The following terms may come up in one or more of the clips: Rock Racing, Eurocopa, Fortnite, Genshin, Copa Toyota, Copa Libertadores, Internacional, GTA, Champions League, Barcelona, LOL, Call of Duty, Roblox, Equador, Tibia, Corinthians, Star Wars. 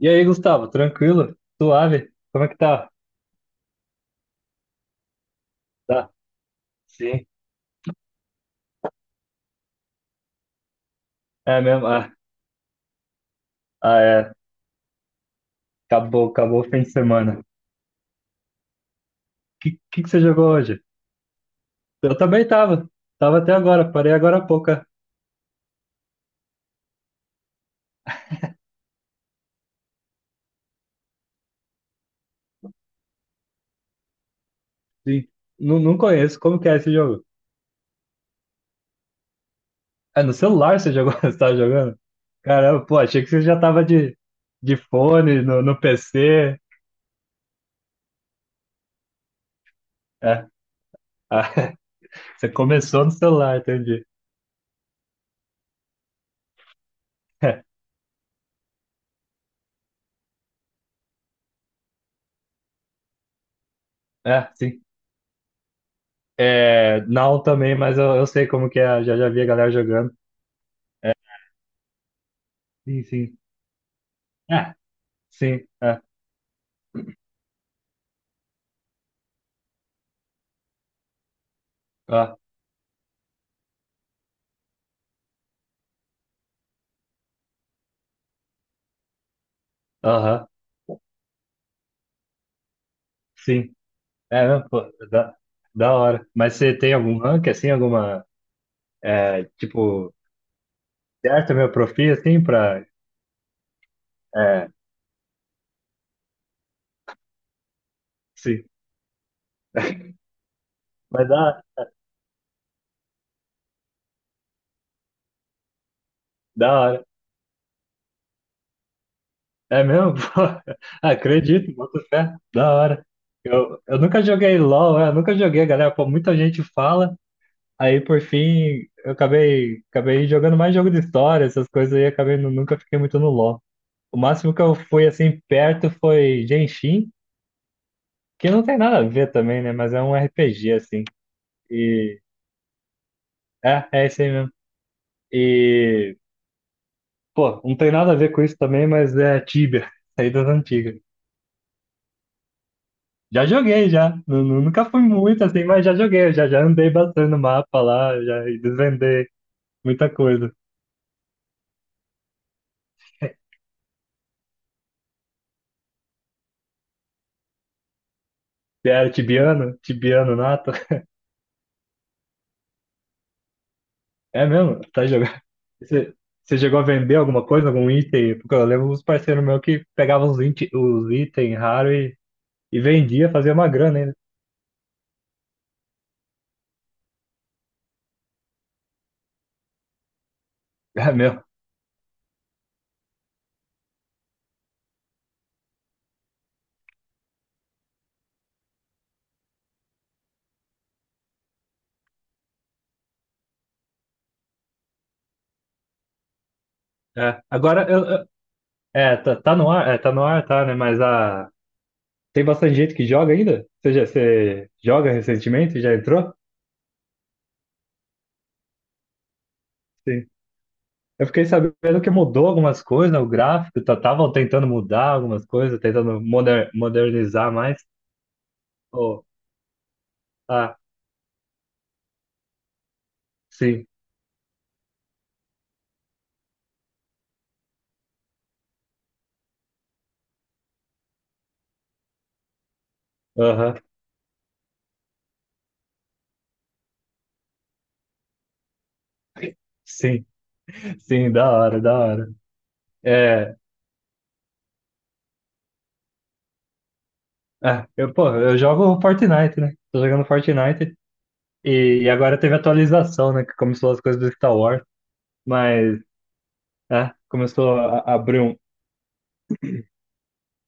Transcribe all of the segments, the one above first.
E aí, Gustavo, tranquilo? Suave? Como é que tá? Tá. Sim. É mesmo? Ah, ah, é. Acabou o fim de semana. O que você jogou hoje? Eu também tava. Tava até agora, parei agora há pouco. É. Sim. Não, não conheço. Como que é esse jogo? É no celular você jogou? Você tava jogando? Caramba, pô, achei que você já tava de, fone, no PC. É. Ah, você começou no celular, entendi. É, sim. É, não também, mas eu sei como que é. Já vi a galera jogando. É, sim, sim. Ah, sim. Ah, ah, aham, sim. É, não, pô, da, da, hora. Mas você tem algum rank, assim, alguma, é, tipo, certa homeopatia, assim, pra, é, sim. Mas da hora. É mesmo? Pô, acredito, boto fé. Da hora. Eu nunca joguei LOL, né? Eu nunca joguei, galera. Pô, muita gente fala, aí por fim eu acabei jogando mais jogo de história, essas coisas aí, acabei, nunca fiquei muito no LOL. O máximo que eu fui assim perto foi Genshin, que não tem nada a ver também, né? Mas é um RPG assim. E é esse aí mesmo. E pô, não tem nada a ver com isso também, mas é Tibia, saídas antigas. Já joguei já. Nunca fui muito assim, mas já joguei, já andei bastante no mapa lá, já desvendei muita coisa. Era tibiano, tibiano nato. É mesmo? Tá jogando. Você, você chegou a vender alguma coisa, algum item? Porque eu lembro uns parceiros meus que pegavam os, os itens raros e vendia, fazia uma grana ainda. É mesmo. É. Agora, eu, é, tá no ar, é, tá no ar, tá, né? Mas tem bastante gente que joga ainda? Você joga recentemente? Já entrou? Sim. Eu fiquei sabendo que mudou algumas coisas, né? O gráfico, estavam tentando mudar algumas coisas, tentando modernizar mais. Oh, ah, sim. Aham, sim. Sim, da hora, da hora. É, é, eu, pô, eu jogo Fortnite, né? Tô jogando Fortnite e agora teve atualização, né? Que começou as coisas do Star Wars, mas é, começou a abrir um.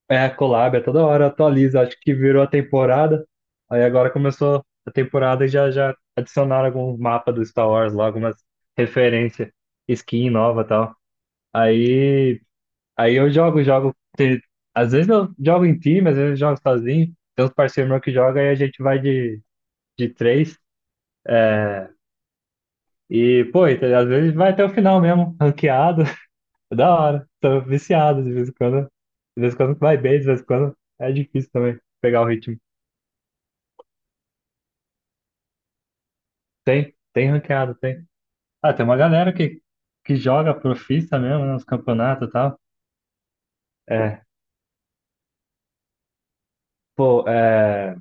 É, collab, é toda hora atualiza, acho que virou a temporada. Aí agora começou a temporada e já adicionaram alguns mapas do Star Wars lá, algumas referências, skin nova e tal. Aí Aí eu jogo, jogo. Às vezes eu jogo em time, às vezes eu jogo sozinho. Tem uns parceiros meus que jogam e a gente vai de três. É, e, pô, e às vezes vai até o final mesmo, ranqueado. É, da hora. Tô viciado de vez em quando. De vez em quando vai bem, de vez em quando é difícil também pegar o ritmo. Tem ranqueado, tem. Ah, tem uma galera que joga profissa mesmo, né, nos campeonatos e tal. É, pô, é.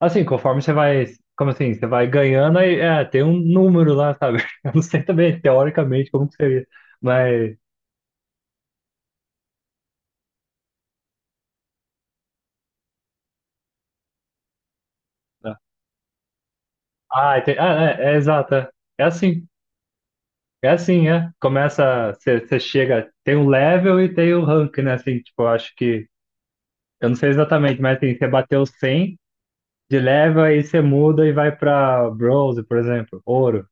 Assim, conforme você vai. Como assim? Você vai ganhando, aí, é, tem um número lá, sabe? Eu não sei também, teoricamente, como que seria. Mas. Tá. Ah, tem, ah, é exato. É assim. É assim, é. Começa. Você chega. Tem o level e tem o rank, né? Assim, tipo, eu acho que. Eu não sei exatamente, mas assim, você bateu 100 de level, aí você muda e vai pra bronze, por exemplo. Ouro,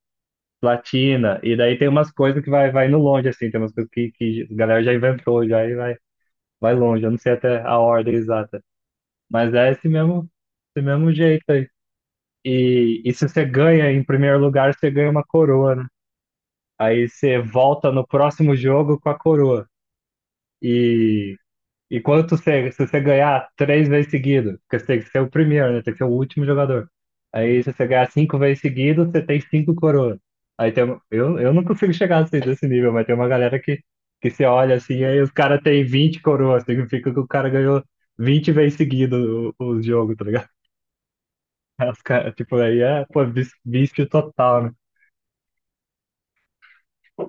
platina. E daí tem umas coisas que vai indo longe, assim. Tem umas coisas que a galera já inventou, já e vai. Vai longe, eu não sei até a ordem exata. Mas é esse mesmo jeito aí. E se você ganha em primeiro lugar, você ganha uma coroa, né? Aí você volta no próximo jogo com a coroa. E e se você ganhar 3 vezes seguido, porque você tem que ser o primeiro, né? Tem que ser o último jogador. Aí se você ganhar 5 vezes seguido, você tem cinco coroas. Aí eu não consigo chegar assim nesse nível, mas tem uma galera que você olha assim, aí os caras têm 20 coroas, significa que o cara ganhou 20 vezes seguido o jogo, tá ligado? Aí os cara, tipo, aí é, pô, vício total, né?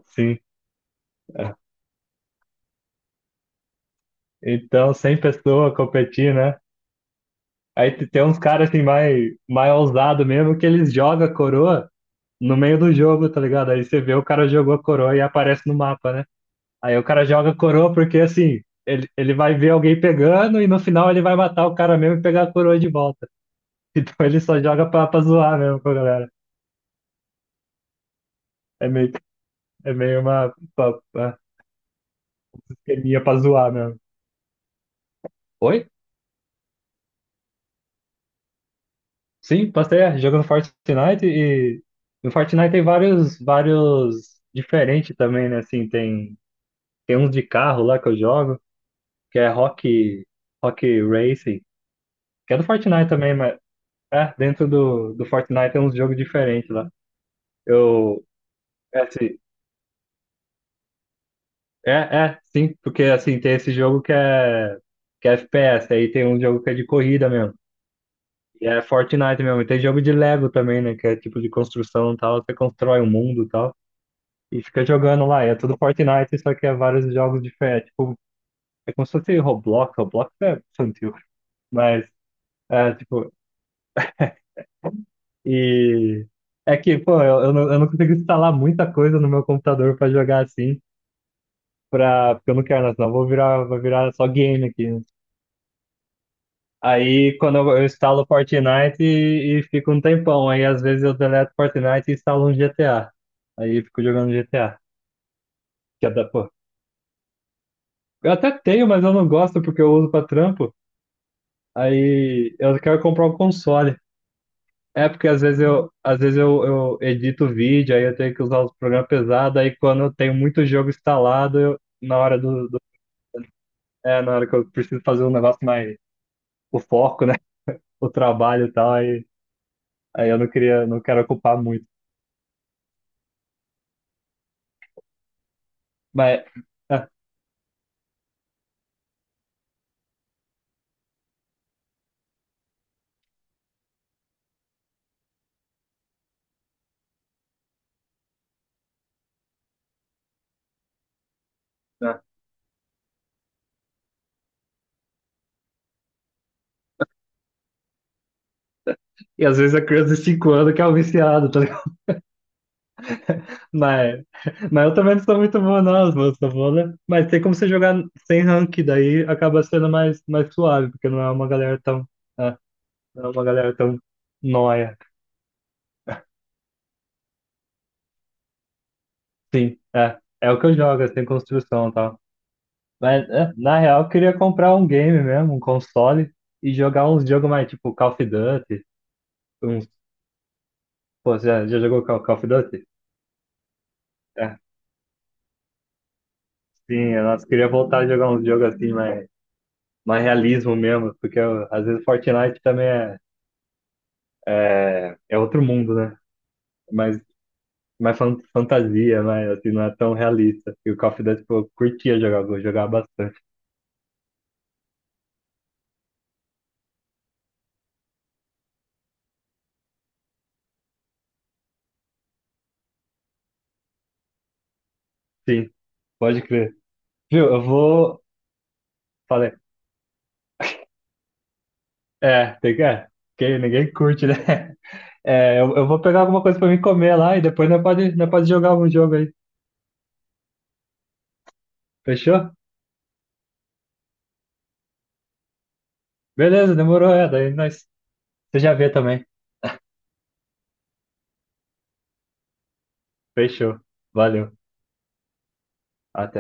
Sim. É. Então, 100 pessoas competindo, né? Aí tem uns caras assim mais, mais ousado mesmo que eles jogam a coroa no meio do jogo, tá ligado? Aí você vê o cara jogou a coroa e aparece no mapa, né? Aí o cara joga a coroa porque assim, ele vai ver alguém pegando e no final ele vai matar o cara mesmo e pegar a coroa de volta. Então ele só joga pra, zoar mesmo com a galera. É meio, é meio uma, uma esqueminha pra zoar mesmo. Oi? Sim, passei é, jogando Fortnite e no Fortnite tem vários diferentes também, né? Assim, tem, uns de carro lá que eu jogo, que é Rock Racing. Que é do Fortnite também, mas é, dentro do Fortnite tem uns jogos diferentes lá. Eu. É, assim, é, sim, porque assim, tem esse jogo que é FPS, aí tem um jogo que é de corrida mesmo. E é Fortnite mesmo. E tem jogo de Lego também, né? Que é tipo de construção e tal. Você constrói um mundo e tal. E fica jogando lá. E é tudo Fortnite, só que é vários jogos diferentes. Tipo, é como se fosse Roblox. Roblox é infantil. Mas é, tipo, e é que, pô, não, eu não consigo instalar muita coisa no meu computador pra jogar assim, porque eu não quero, né? Senão eu vou virar só game aqui, né? Aí quando eu instalo Fortnite e fico um tempão. Aí às vezes eu deleto Fortnite e instalo um GTA. Aí eu fico jogando GTA. Que é da, pô. Eu até tenho, mas eu não gosto porque eu uso pra trampo. Aí eu quero comprar um console. É porque às vezes eu edito vídeo, aí eu tenho que usar os programas pesados, aí quando eu tenho muito jogo instalado, eu, na hora do, do- é, na hora que eu preciso fazer um negócio mais o foco, né? O trabalho e tal, aí eu não queria, não quero ocupar muito. Mas é, é. E às vezes a criança de 5 anos que é o viciado, tá ligado? Mas, mas eu também não sou muito bom, não, eu sou bom, né? Mas tem como você jogar sem rank, daí acaba sendo mais, mais suave, porque não é uma galera tão, é, não é uma galera tão nóia. Sim, é. É o que eu jogo, é sem construção e tal. Mas, é, na real, eu queria comprar um game mesmo, um console, e jogar uns jogos mais tipo Call of Duty. Uns... Pô, já jogou Call of Duty? É, sim, eu nossa, queria voltar a jogar uns jogos assim, mais, mais realismo mesmo, porque às vezes Fortnite também é, é outro mundo, né? Mas mais fantasia, mas assim, não é tão realista. E o Call of Duty, pô, eu curtia jogar, vou jogar bastante. Sim, pode crer. Viu, eu vou. Falei. É, tem que, é, que ninguém curte, né? É, eu vou pegar alguma coisa pra mim comer lá e depois nós pode jogar algum jogo aí. Fechou? Beleza, demorou, é. Daí você já vê também. Fechou. Valeu. Até.